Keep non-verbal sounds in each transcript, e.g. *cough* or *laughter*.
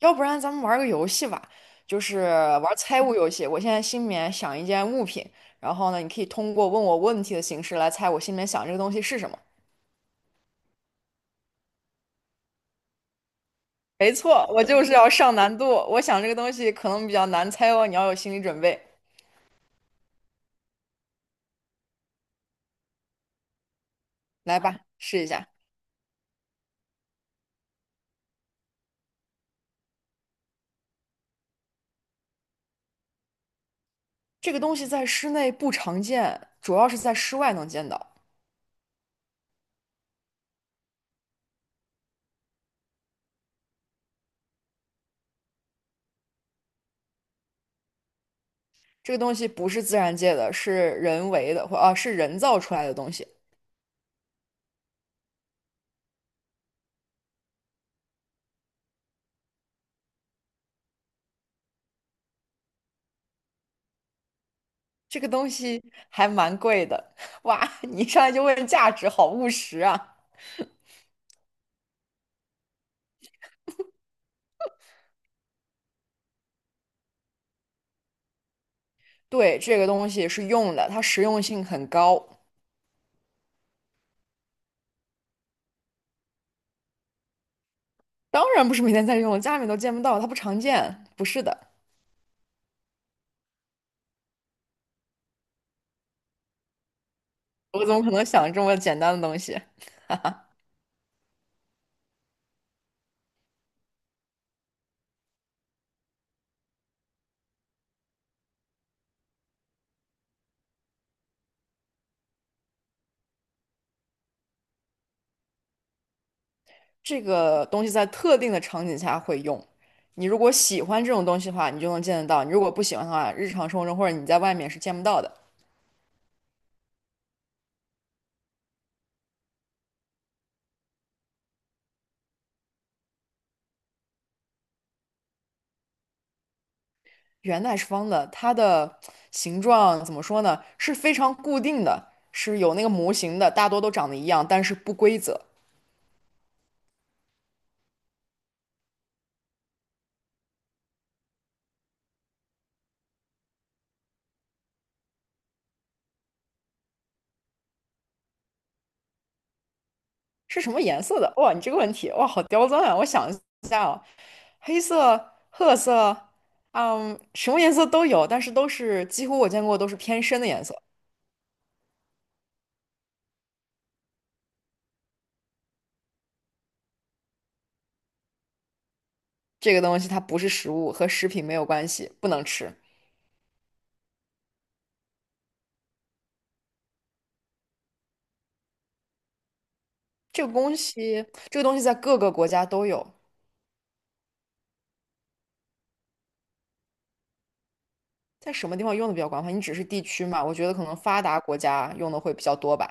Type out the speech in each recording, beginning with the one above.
要不然咱们玩儿个游戏吧，就是玩儿猜物游戏。我现在心里面想一件物品，然后呢，你可以通过问我问题的形式来猜我心里面想这个东西是什么。没错，我就是要上难度。我想这个东西可能比较难猜哦，你要有心理准备。来吧，试一下。这个东西在室内不常见，主要是在室外能见到。这个东西不是自然界的，是人为的，或是人造出来的东西。这个东西还蛮贵的。*laughs* 哇！你一上来就问价值，好务实啊。对，这个东西是用的，它实用性很高，当然不是每天在用，家里面都见不到，它不常见。不是的，我怎么可能想这么简单的东西？这个东西在特定的场景下会用。你如果喜欢这种东西的话，你就能见得到；你如果不喜欢的话，日常生活中或者你在外面是见不到的。圆的还是方的，它的形状怎么说呢？是非常固定的，是有那个模型的，大多都长得一样，但是不规则。是什么颜色的？哇，你这个问题，哇，好刁钻啊！我想一下黑色、褐色，嗯，什么颜色都有，但是都是几乎我见过都是偏深的颜色。这个东西它不是食物，和食品没有关系，不能吃。这个东西在各个国家都有。在什么地方用的比较广泛？你只是地区嘛，我觉得可能发达国家用的会比较多吧。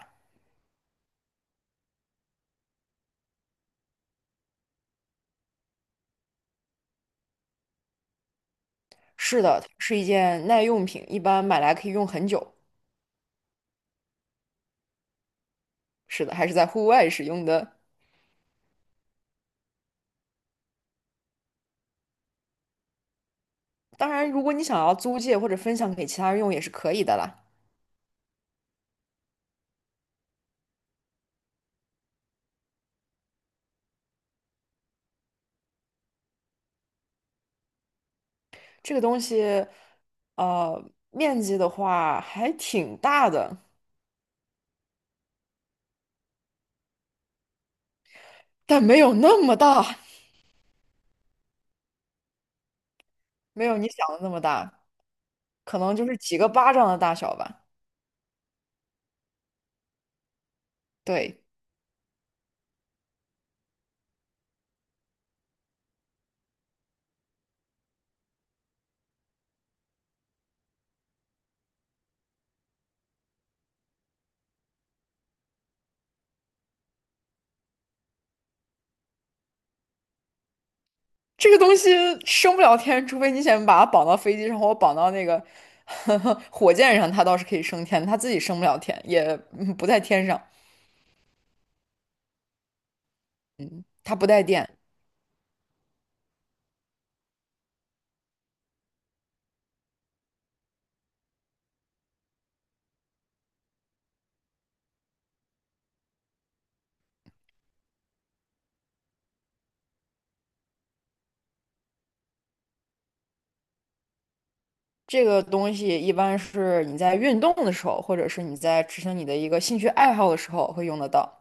是的，它是一件耐用品，一般买来可以用很久。是的，还是在户外使用的。当然，如果你想要租借或者分享给其他人用也是可以的啦。这个东西，呃，面积的话还挺大的，但没有那么大，没有你想的那么大，可能就是几个巴掌的大小吧。对，这个东西升不了天，除非你想把它绑到飞机上，或绑到那个 *laughs* 火箭上，它倒是可以升天，它自己升不了天，也不在天上。它不带电。这个东西一般是你在运动的时候，或者是你在执行你的一个兴趣爱好的时候会用得到。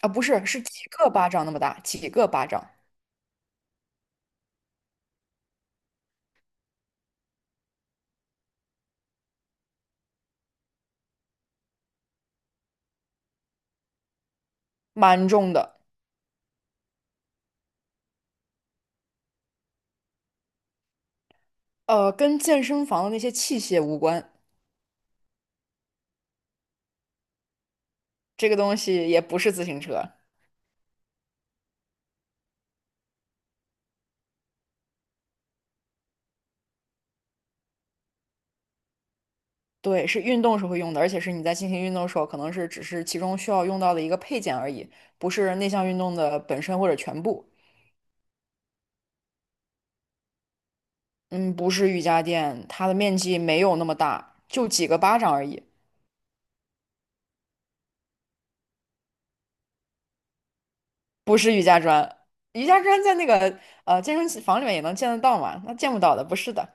啊，不是，是几个巴掌那么大，几个巴掌，蛮重的。呃，跟健身房的那些器械无关，这个东西也不是自行车。对，是运动时候会用的，而且是你在进行运动的时候，可能是只是其中需要用到的一个配件而已，不是那项运动的本身或者全部。嗯，不是瑜伽垫，它的面积没有那么大，就几个巴掌而已。不是瑜伽砖，瑜伽砖在那个健身房里面也能见得到嘛？那见不到的，不是的，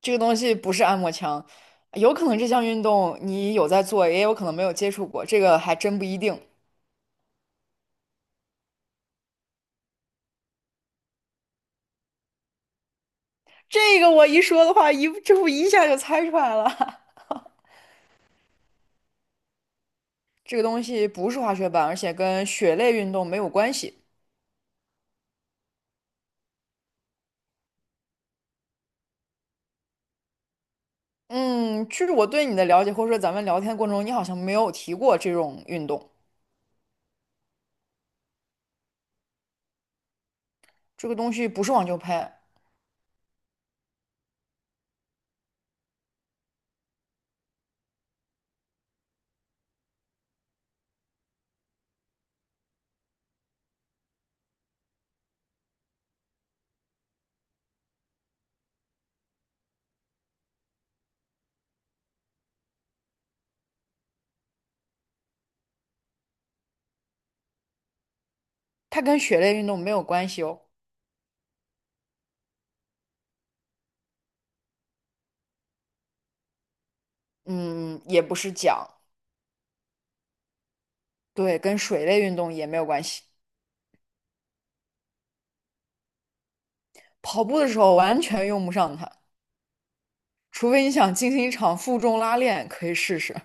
这个东西不是按摩枪，有可能这项运动你有在做，也有可能没有接触过，这个还真不一定。这个我一说的话，一这不一下就猜出来了。*laughs* 这个东西不是滑雪板，而且跟雪类运动没有关系。嗯，就是我对你的了解，或者说咱们聊天的过程中，你好像没有提过这种运动。这个东西不是网球拍，它跟雪类运动没有关系哦。嗯，也不是桨，对，跟水类运动也没有关系。跑步的时候完全用不上它，除非你想进行一场负重拉练，可以试试。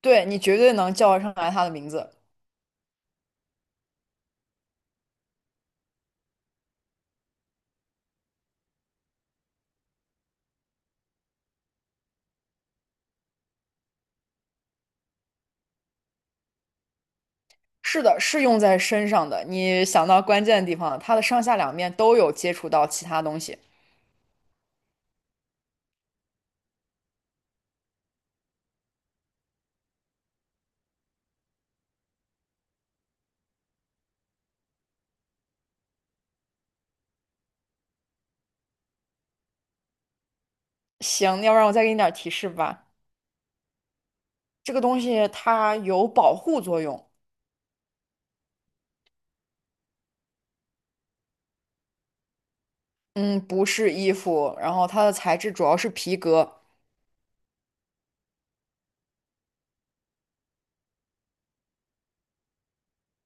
对，你绝对能叫得上来它的名字。是的，是用在身上的。你想到关键的地方了，它的上下两面都有接触到其他东西。行，要不然我再给你点儿提示吧。这个东西它有保护作用。嗯，不是衣服，然后它的材质主要是皮革，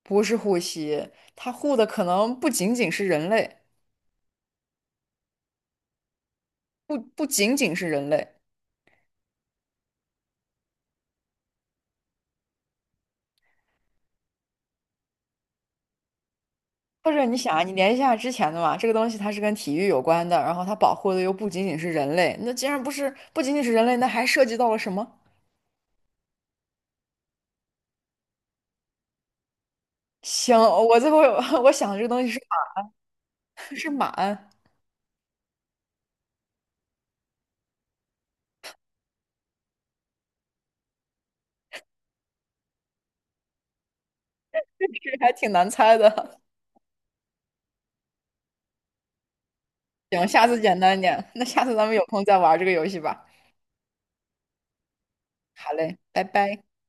不是护膝，它护的可能不仅仅是人类。不仅仅是人类，或者你想啊，你联系一下之前的嘛，这个东西它是跟体育有关的，然后它保护的又不仅仅是人类，那既然不是不仅仅是人类，那还涉及到了什么？行，我最后 *laughs* 我想这个东西是马鞍，这还挺难猜的。行，下次简单点，那下次咱们有空再玩这个游戏吧。好嘞，拜拜。